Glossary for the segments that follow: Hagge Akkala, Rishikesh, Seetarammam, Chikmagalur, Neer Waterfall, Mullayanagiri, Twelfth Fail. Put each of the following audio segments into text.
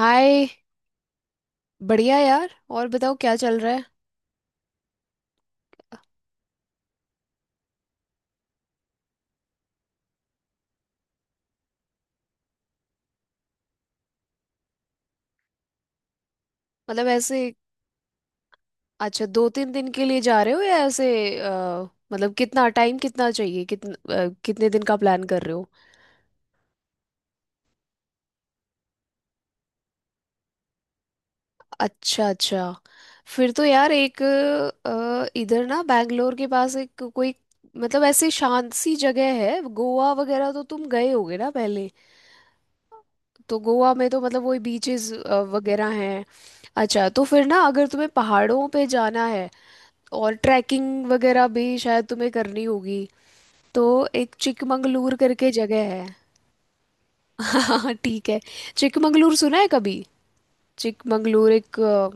हाय। बढ़िया यार, और बताओ क्या चल रहा है। मतलब ऐसे? अच्छा, दो तीन दिन के लिए जा रहे हो या ऐसे? अ, मतलब कितना टाइम, कितना चाहिए, कितना, कितने दिन का प्लान कर रहे हो? अच्छा अच्छा। फिर तो यार एक इधर ना बैंगलोर के पास एक कोई, मतलब ऐसी शांत सी जगह है। गोवा वगैरह तो तुम गए होगे ना पहले, तो गोवा में तो मतलब वही बीचेस वगैरह हैं। अच्छा तो फिर ना, अगर तुम्हें पहाड़ों पे जाना है और ट्रैकिंग वगैरह भी शायद तुम्हें करनी होगी, तो एक चिकमंगलूर करके जगह है। हाँ ठीक है। चिकमंगलूर सुना है कभी? चिकमंगलूर एक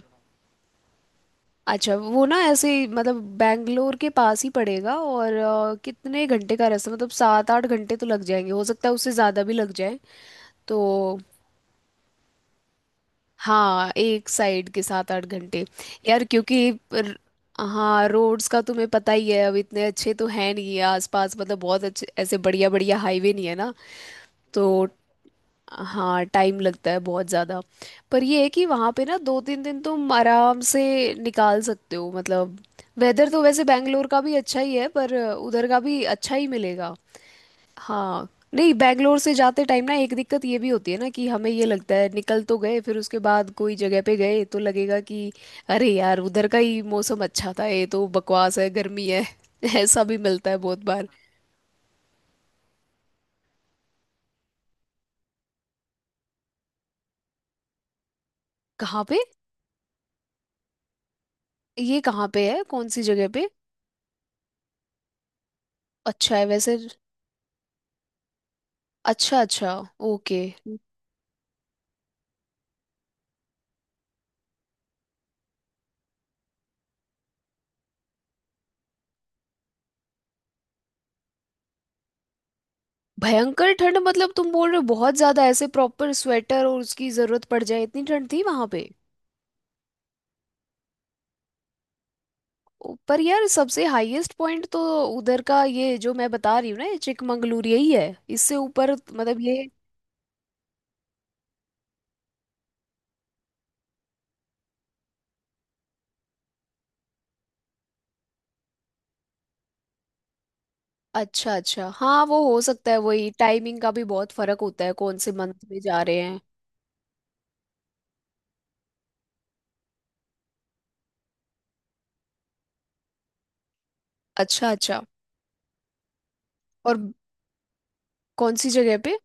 अच्छा वो ना ऐसे ही, मतलब बैंगलोर के पास ही पड़ेगा। और कितने घंटे का रास्ता, मतलब सात आठ घंटे तो लग जाएंगे, हो सकता है उससे ज़्यादा भी लग जाए। तो हाँ, एक साइड के सात आठ घंटे। यार क्योंकि हाँ, रोड्स का तुम्हें पता ही है, अब इतने अच्छे तो हैं नहीं है आसपास, मतलब बहुत अच्छे ऐसे बढ़िया बढ़िया हाईवे नहीं है ना। तो हाँ, टाइम लगता है बहुत ज़्यादा। पर ये है कि वहाँ पे ना दो तीन दिन तुम आराम से निकाल सकते हो। मतलब वेदर तो वैसे बैंगलोर का भी अच्छा ही है, पर उधर का भी अच्छा ही मिलेगा। हाँ, नहीं बैंगलोर से जाते टाइम ना एक दिक्कत ये भी होती है ना, कि हमें ये लगता है निकल तो गए, फिर उसके बाद कोई जगह पे गए तो लगेगा कि अरे यार उधर का ही मौसम अच्छा था, ये तो बकवास है, गर्मी है। ऐसा भी मिलता है बहुत बार। कहाँ पे? ये कहाँ पे है, कौन सी जगह पे? अच्छा है वैसे। अच्छा अच्छा, ओके। भयंकर ठंड मतलब तुम बोल रहे हो बहुत ज्यादा, ऐसे प्रॉपर स्वेटर और उसकी जरूरत पड़ जाए, इतनी ठंड थी वहां पे? पर यार सबसे हाईएस्ट पॉइंट तो उधर का ये जो मैं बता रही हूँ ना, ये चिकमंगलूर यही है, इससे ऊपर मतलब ये। अच्छा अच्छा, हाँ वो हो सकता है, वही टाइमिंग का भी बहुत फर्क होता है, कौन से मंथ में जा रहे हैं। अच्छा अच्छा। और कौन सी जगह पे?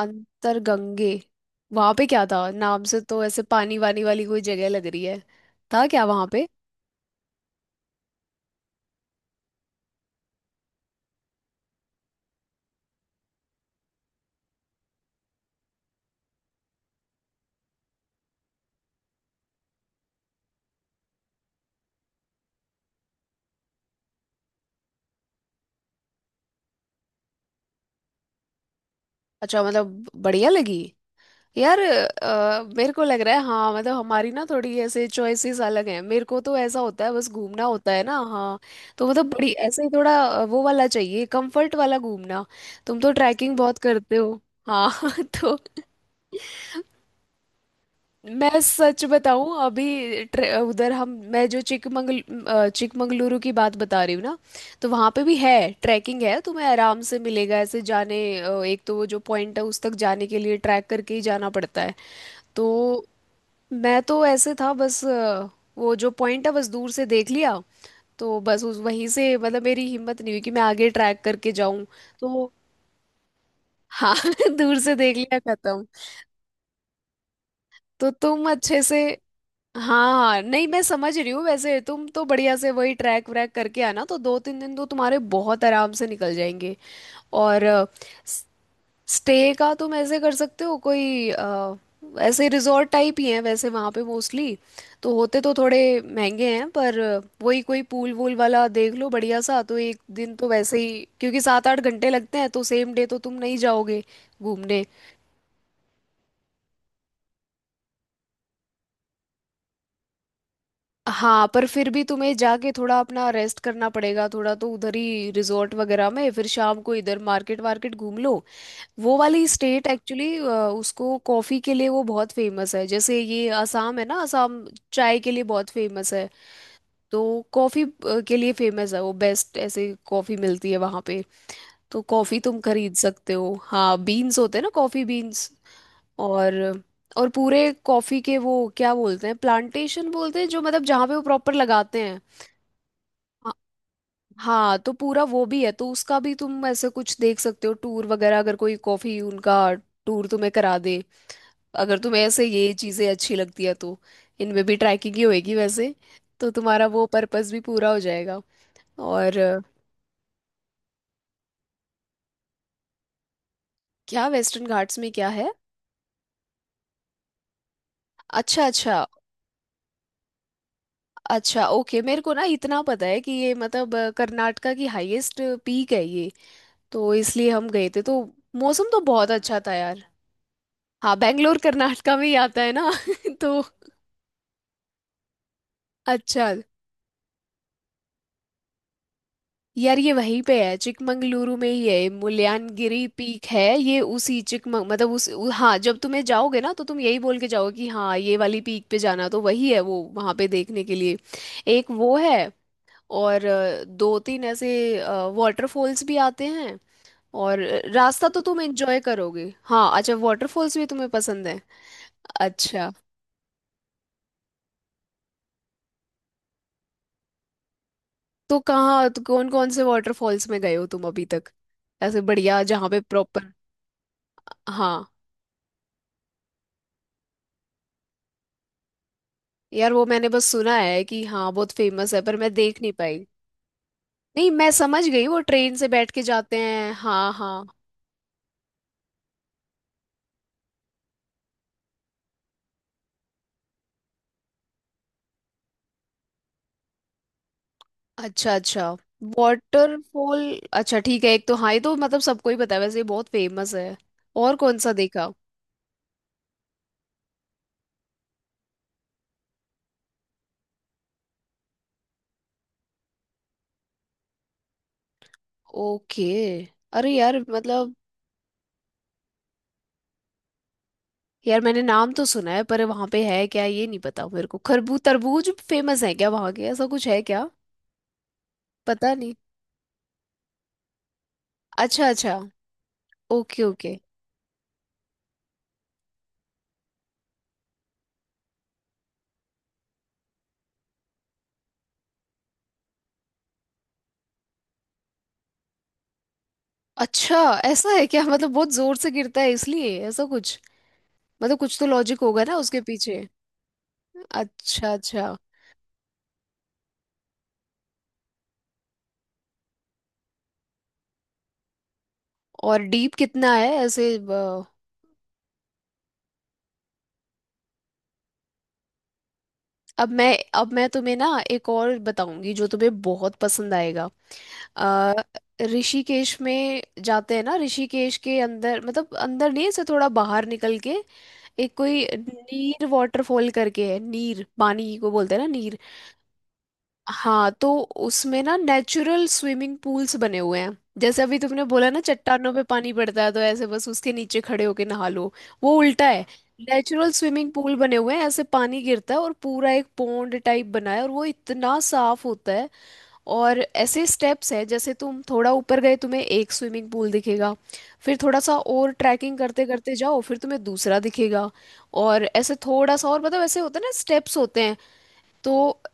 अंतरगंगे। वहां पे क्या था? नाम से तो ऐसे पानी वानी वाली कोई जगह लग रही है। था क्या वहां पे? अच्छा, मतलब बढ़िया लगी। यार मेरे को लग रहा है, हाँ मतलब हमारी ना थोड़ी ऐसे चॉइसेस अलग हैं। मेरे को तो ऐसा होता है, बस घूमना होता है ना। हाँ तो मतलब बड़ी ऐसे ही थोड़ा वो वाला चाहिए, कंफर्ट वाला घूमना। तुम तो ट्रैकिंग बहुत करते हो। हाँ तो मैं सच बताऊं, अभी उधर हम, मैं जो चिकमंगलुरु की बात बता रही हूँ ना, तो वहाँ पे भी है ट्रैकिंग, है तुम्हें आराम से मिलेगा। ऐसे जाने एक तो वो जो पॉइंट है उस तक जाने के लिए ट्रैक करके ही जाना पड़ता है। तो मैं तो ऐसे था बस वो जो पॉइंट है बस दूर से देख लिया, तो बस उस वहीं से, मतलब मेरी हिम्मत नहीं हुई कि मैं आगे ट्रैक करके जाऊं। तो हाँ दूर से देख लिया, खत्म। तो तुम अच्छे से, हाँ हाँ नहीं मैं समझ रही हूँ, वैसे तुम तो बढ़िया से वही ट्रैक व्रैक करके आना, तो दो तीन दिन तो तुम्हारे बहुत आराम से निकल जाएंगे। और स्टे का तुम ऐसे कर सकते हो कोई ऐसे रिजॉर्ट टाइप ही हैं वैसे वहाँ पे मोस्टली, तो होते तो थोड़े महंगे हैं पर वही कोई पूल वूल वाला देख लो बढ़िया सा। तो एक दिन तो वैसे ही, क्योंकि सात आठ घंटे लगते हैं, तो सेम डे तो तुम नहीं जाओगे घूमने। हाँ, पर फिर भी तुम्हें जाके थोड़ा अपना रेस्ट करना पड़ेगा थोड़ा, तो उधर ही रिजॉर्ट वगैरह में, फिर शाम को इधर मार्केट वार्केट घूम लो। वो वाली स्टेट एक्चुअली उसको कॉफी के लिए वो बहुत फेमस है, जैसे ये असम है ना, असम चाय के लिए बहुत फेमस है, तो कॉफी के लिए फेमस है वो, बेस्ट ऐसे कॉफी मिलती है वहां पे। तो कॉफी तुम खरीद सकते हो, हाँ बीन्स होते हैं ना, कॉफी बीन्स। और और पूरे कॉफी के वो क्या बोलते हैं, प्लांटेशन बोलते हैं, जो मतलब जहाँ पे वो प्रॉपर लगाते हैं। हाँ, हाँ तो पूरा वो भी है, तो उसका भी तुम ऐसे कुछ देख सकते हो, टूर वगैरह, अगर कोई कॉफी उनका टूर तुम्हें करा दे, अगर तुम्हें ऐसे ये चीज़ें अच्छी लगती है तो। इनमें भी ट्रैकिंग ही होएगी वैसे, तो तुम्हारा वो पर्पस भी पूरा हो जाएगा। और क्या वेस्टर्न घाट्स में क्या है? अच्छा अच्छा अच्छा, ओके। मेरे को ना इतना पता है कि ये मतलब कर्नाटका की हाईएस्ट पीक है ये, तो इसलिए हम गए थे। तो मौसम तो बहुत अच्छा था यार। हाँ बेंगलोर कर्नाटका में ही आता है ना। तो अच्छा यार, ये वहीं पे है, चिकमंगलुरु में ही है, मुल्यानगिरी पीक है ये, उसी चिकमंग मतलब हाँ जब तुम्हें जाओगे ना तो तुम यही बोल के जाओगे कि हाँ ये वाली पीक पे जाना, तो वही है वो वहाँ पे देखने के लिए। एक वो है, और दो तीन ऐसे वाटरफॉल्स भी आते हैं, और रास्ता तो तुम एंजॉय करोगे। हाँ अच्छा, वाटरफॉल्स भी तुम्हें पसंद है? अच्छा तो कहाँ तो, कौन कौन से वाटरफॉल्स में गए हो तुम अभी तक? ऐसे बढ़िया जहाँ पे प्रॉपर। हाँ यार वो मैंने बस सुना है कि हाँ बहुत फेमस है, पर मैं देख नहीं पाई। नहीं मैं समझ गई, वो ट्रेन से बैठ के जाते हैं, हाँ हाँ। अच्छा अच्छा, वाटरफॉल। अच्छा ठीक है, एक तो हाँ ये तो मतलब सबको ही पता है वैसे, ये बहुत फेमस है। और कौन सा देखा? ओके। अरे यार मतलब, यार मैंने नाम तो सुना है पर वहां पे है क्या ये नहीं पता मेरे को, खरबूज तरबूज फेमस है क्या वहां के, ऐसा कुछ है क्या? पता नहीं। अच्छा अच्छा, ओके ओके। अच्छा ऐसा है क्या, मतलब बहुत जोर से गिरता है इसलिए ऐसा कुछ, मतलब कुछ तो लॉजिक होगा ना उसके पीछे। अच्छा अच्छा। और डीप कितना है ऐसे अब मैं तुम्हें ना एक और बताऊंगी जो तुम्हें बहुत पसंद आएगा। अ, ऋषिकेश में जाते हैं ना, ऋषिकेश के अंदर, मतलब अंदर नहीं ऐसे थोड़ा बाहर निकल के, एक कोई नीर वाटरफॉल करके है, नीर पानी को बोलते हैं ना, नीर। हाँ तो उसमें ना नेचुरल स्विमिंग पूल्स बने हुए हैं। जैसे अभी तुमने बोला ना चट्टानों पे पानी पड़ता है तो ऐसे बस उसके नीचे खड़े होके नहा लो, वो उल्टा है। नेचुरल स्विमिंग पूल बने हुए हैं, ऐसे पानी गिरता है और पूरा एक पॉन्ड टाइप बना है, और वो इतना साफ होता है। और ऐसे स्टेप्स है, जैसे तुम थोड़ा ऊपर गए तुम्हें एक स्विमिंग पूल दिखेगा, फिर थोड़ा सा और ट्रैकिंग करते करते जाओ फिर तुम्हें दूसरा दिखेगा, और ऐसे थोड़ा सा और, मतलब ऐसे होता है ना स्टेप्स होते हैं। तो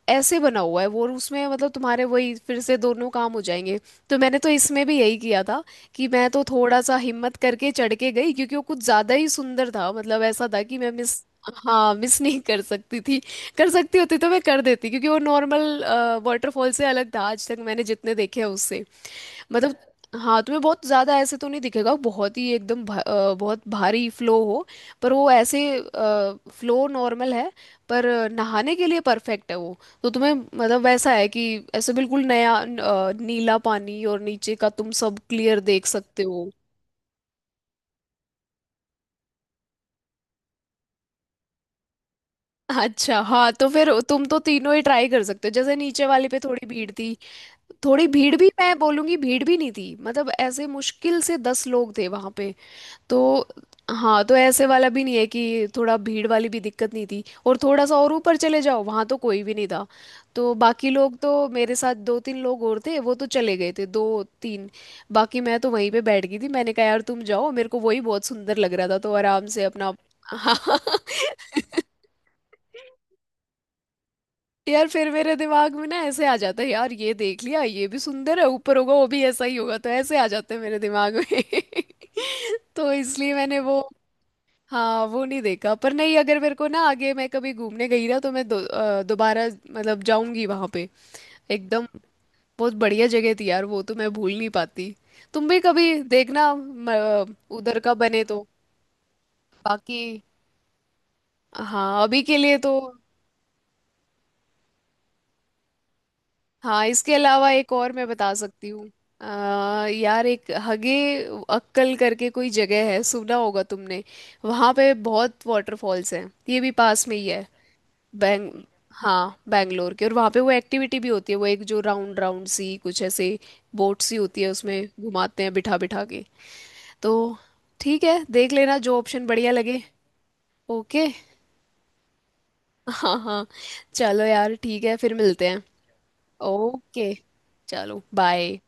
ऐसे बना हुआ है वो, और उसमें मतलब तुम्हारे वही फिर से दोनों काम हो जाएंगे। तो मैंने तो इसमें भी यही किया था कि मैं तो थोड़ा सा हिम्मत करके चढ़ के गई, क्योंकि वो कुछ ज्यादा ही सुंदर था, मतलब ऐसा था कि मैं मिस, हाँ मिस नहीं कर सकती थी। कर सकती होती तो मैं कर देती, क्योंकि वो नॉर्मल वाटरफॉल से अलग था आज तक मैंने जितने देखे हैं उससे। मतलब हाँ तुम्हें बहुत ज़्यादा ऐसे तो नहीं दिखेगा बहुत ही एकदम बहुत भारी फ्लो हो, पर वो ऐसे फ्लो नॉर्मल है, पर नहाने के लिए परफेक्ट है वो। तो तुम्हें मतलब वैसा है कि ऐसे बिल्कुल नया नीला पानी और नीचे का तुम सब क्लियर देख सकते हो। अच्छा हाँ तो फिर तुम तो तीनों ही ट्राई कर सकते हो। जैसे नीचे वाले पे थोड़ी भीड़ थी, थोड़ी भीड़ भी, मैं बोलूंगी भीड़ भी नहीं थी, मतलब ऐसे मुश्किल से दस लोग थे वहां पे। तो हाँ, तो ऐसे वाला भी नहीं है कि थोड़ा, भीड़ वाली भी दिक्कत नहीं थी। और थोड़ा सा और ऊपर चले जाओ वहाँ तो कोई भी नहीं था। तो बाकी लोग तो मेरे साथ दो तीन लोग और थे वो तो चले गए थे, दो तीन बाकी। मैं तो वहीं पे बैठ गई थी, मैंने कहा यार तुम जाओ, मेरे को वही बहुत सुंदर लग रहा था तो आराम से अपना। हाँ यार फिर मेरे दिमाग में ना ऐसे आ जाता है, यार ये देख लिया, ये भी सुंदर है, ऊपर होगा वो भी ऐसा ही होगा, तो ऐसे आ जाते हैं मेरे दिमाग में। तो इसलिए मैंने वो हाँ वो नहीं देखा। पर नहीं, अगर मेरे को ना आगे मैं कभी घूमने गई ना, तो मैं दोबारा मतलब जाऊंगी वहां पे एकदम। बहुत बढ़िया जगह थी यार वो, तो मैं भूल नहीं पाती। तुम भी कभी देखना उधर का बने तो। बाकी हाँ अभी के लिए तो, हाँ इसके अलावा एक और मैं बता सकती हूँ। अ, यार एक हगे अक्कल करके कोई जगह है, सुना होगा तुमने, वहाँ पे बहुत वाटरफॉल्स हैं, ये भी पास में ही है। बैंग हाँ बैंगलोर के, और वहाँ पे वो एक्टिविटी भी होती है, वो एक जो राउंड राउंड सी कुछ ऐसे बोट सी होती है, उसमें घुमाते हैं बिठा बिठा के। तो ठीक है देख लेना, जो ऑप्शन बढ़िया लगे। ओके। हाँ हाँ। चलो यार, ठीक है फिर मिलते हैं। ओके चलो, बाय।